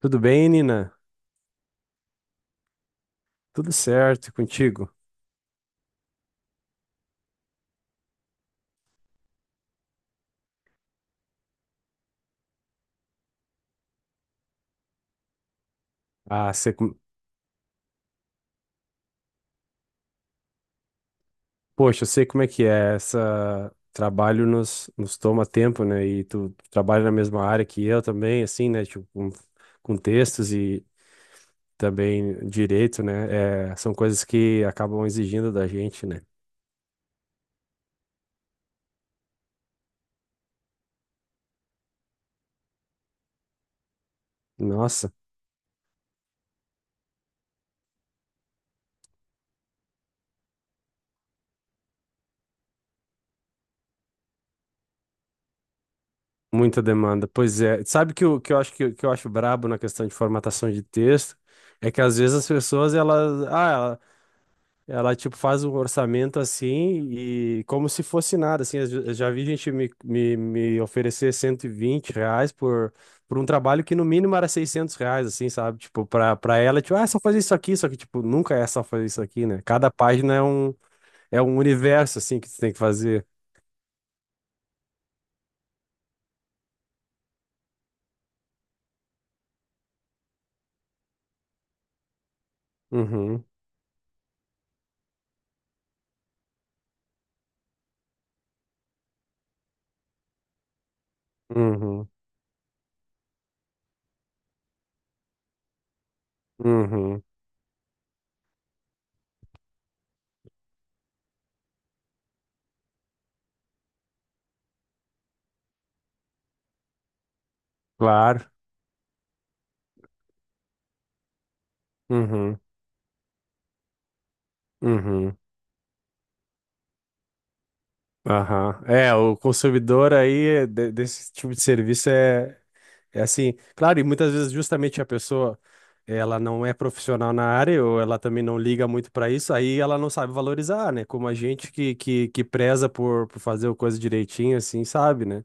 Tudo bem, Nina? Tudo certo e contigo? Ah, sei com- Poxa, eu sei como é que é. Essa trabalho nos toma tempo, né? E tu trabalha na mesma área que eu também, assim, né? Tipo, com textos e também direito, né? É, são coisas que acabam exigindo da gente, né? Nossa, muita demanda. Pois é. Sabe que o que eu acho brabo na questão de formatação de texto é que às vezes as pessoas elas, tipo, faz um orçamento assim e como se fosse nada, assim. Eu já vi gente me oferecer 120 reais por um trabalho que no mínimo era 600 reais, assim, sabe? Tipo, pra ela, tipo, ah, é só fazer isso aqui, só que, tipo, nunca é só fazer isso aqui, né? Cada página é um, É um universo, assim, que você tem que fazer. Uhum, uhum, uhum, claro. Uhum, uhum, aham. É, o consumidor aí desse tipo de serviço é, é assim, claro, e muitas vezes justamente a pessoa, ela não é profissional na área ou ela também não liga muito para isso, aí ela não sabe valorizar, né? Como a gente que preza por fazer a coisa direitinho, assim, sabe, né?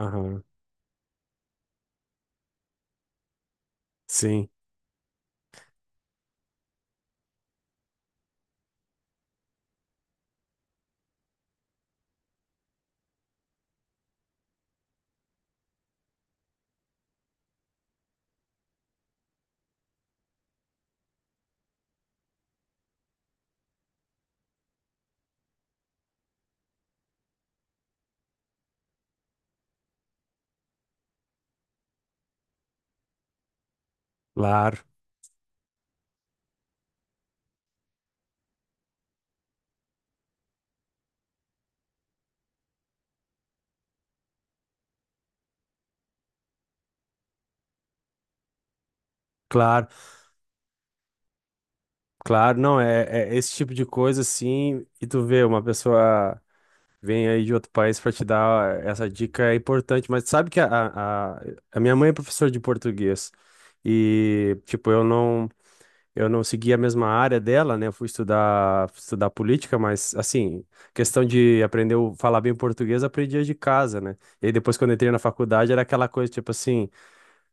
Aham, sim, claro, claro, claro, não, é, é esse tipo de coisa, assim, e tu vê, uma pessoa vem aí de outro país para te dar essa dica é importante, mas sabe que a a minha mãe é professora de português e, tipo, eu não... Eu não segui a mesma área dela, né? Fui estudar política, mas, assim, questão de aprender a falar bem português, eu aprendia de casa, né? E aí depois, quando eu entrei na faculdade, era aquela coisa, tipo assim,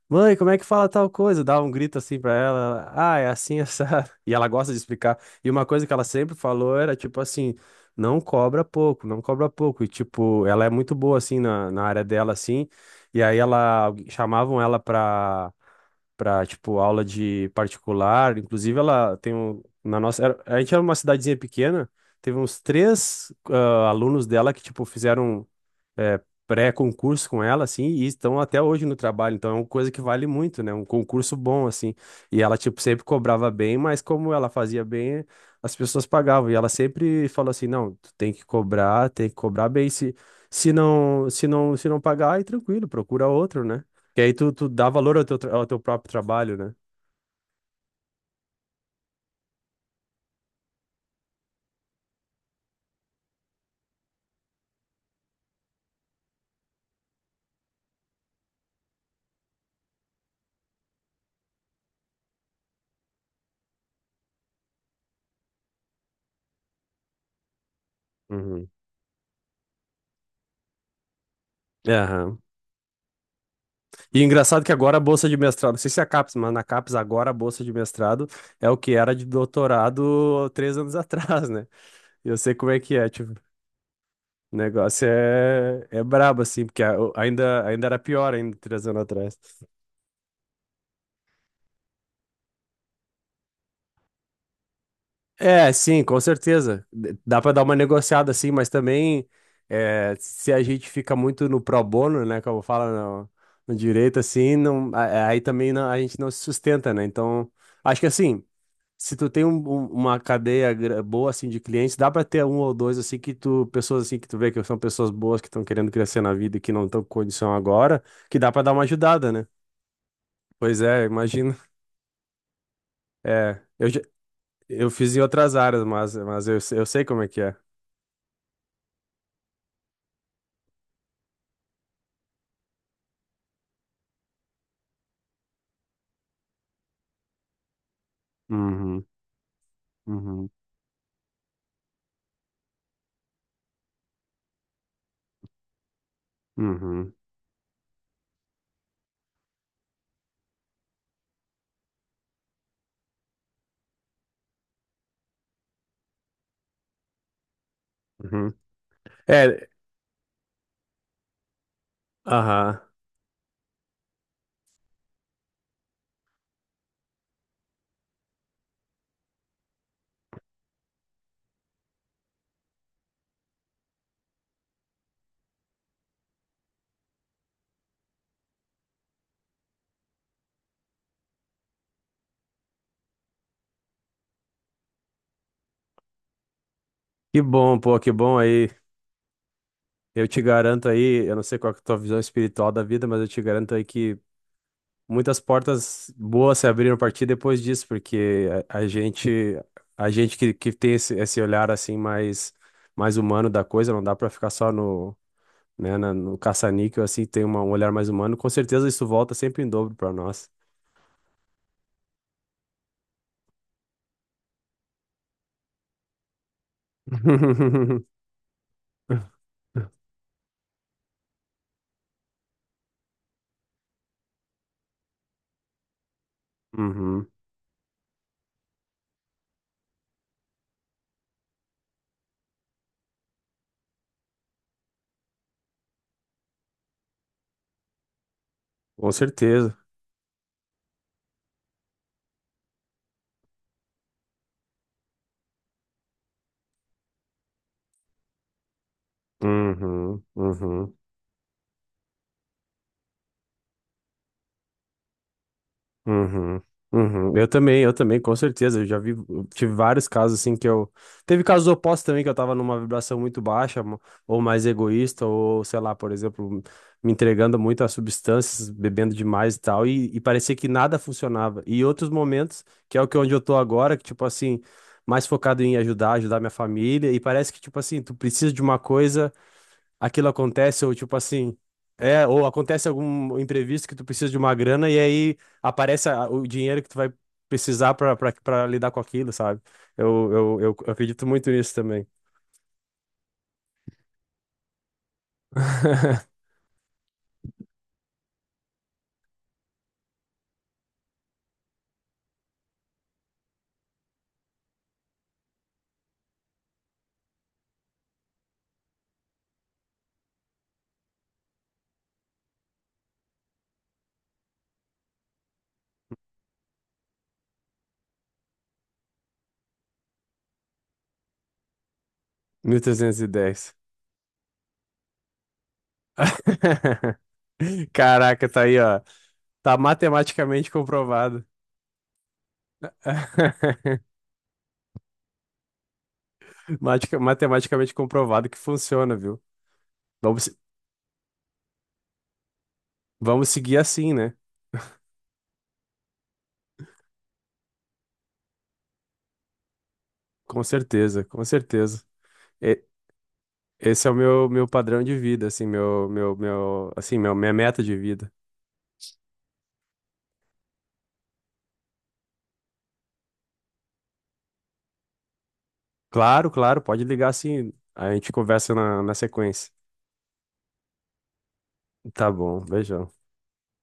mãe, como é que fala tal coisa? Eu dava um grito assim pra ela, ela, ah, é assim, essa. E ela gosta de explicar. E uma coisa que ela sempre falou era, tipo assim, não cobra pouco, não cobra pouco. E, tipo, ela é muito boa, assim, na área dela, assim. E aí ela, chamavam ela pra para tipo aula de particular. Inclusive ela tem um, a gente era uma cidadezinha pequena, teve uns três alunos dela que tipo fizeram é, pré-concurso com ela, assim, e estão até hoje no trabalho. Então é uma coisa que vale muito, né? Um concurso bom, assim. E ela, tipo, sempre cobrava bem, mas como ela fazia bem, as pessoas pagavam. E ela sempre falou assim: não, tu tem que cobrar bem. Se não pagar, aí tranquilo, procura outro, né? Que aí tu dá valor ao ao teu próprio trabalho, né? Uhum. Aham. E engraçado que agora a bolsa de mestrado, não sei se é a CAPES, mas na CAPES agora a bolsa de mestrado é o que era de doutorado três anos atrás, né? Eu sei como é que é, tipo, o negócio é, é brabo, assim, porque ainda era pior ainda três anos atrás. É, sim, com certeza. Dá pra dar uma negociada, assim, mas também é, se a gente fica muito no pro bono, né, como fala no direito, assim, não, aí também a gente não se sustenta, né? Então, acho que assim. Se tu tem uma cadeia boa assim de clientes, dá pra ter um ou dois assim que tu, pessoas assim que tu vê que são pessoas boas que estão querendo crescer na vida e que não estão com condição agora, que dá pra dar uma ajudada, né? Pois é, imagino. É, eu fiz em outras áreas, mas eu, eu sei como é que é. Uhum, uhum, uhum, uhum. É, aham. Que bom, pô, que bom aí. Eu te garanto aí, eu não sei qual que é a tua visão espiritual da vida, mas eu te garanto aí que muitas portas boas se abriram para ti depois disso, porque a gente que tem esse olhar assim mais humano da coisa, não dá para ficar só no, né, no caça-níquel assim, tem um olhar mais humano, com certeza isso volta sempre em dobro para nós. Uhum, com certeza. Uhum, uhum. Uhum, uhum. Eu também, com certeza. Eu já vi, eu tive vários casos assim que eu. Teve casos opostos também, que eu tava numa vibração muito baixa, ou mais egoísta, ou sei lá, por exemplo, me entregando muito a substâncias, bebendo demais e tal, e parecia que nada funcionava. E outros momentos, que é o que onde eu tô agora, que tipo assim, mais focado em ajudar, ajudar minha família, e parece que tipo assim, tu precisa de uma coisa aquilo acontece, ou tipo assim, é, ou acontece algum imprevisto que tu precisa de uma grana e aí aparece o dinheiro que tu vai precisar pra lidar com aquilo, sabe? Eu acredito muito nisso também. 1.310. Caraca, tá aí, ó. Tá matematicamente comprovado. Matematicamente comprovado que funciona, viu? Vamos, se- Vamos seguir assim, né? Com certeza, com certeza. Esse é o meu padrão de vida, assim, minha meta de vida. Claro, claro, pode ligar assim, a gente conversa na sequência. Tá bom, beijão.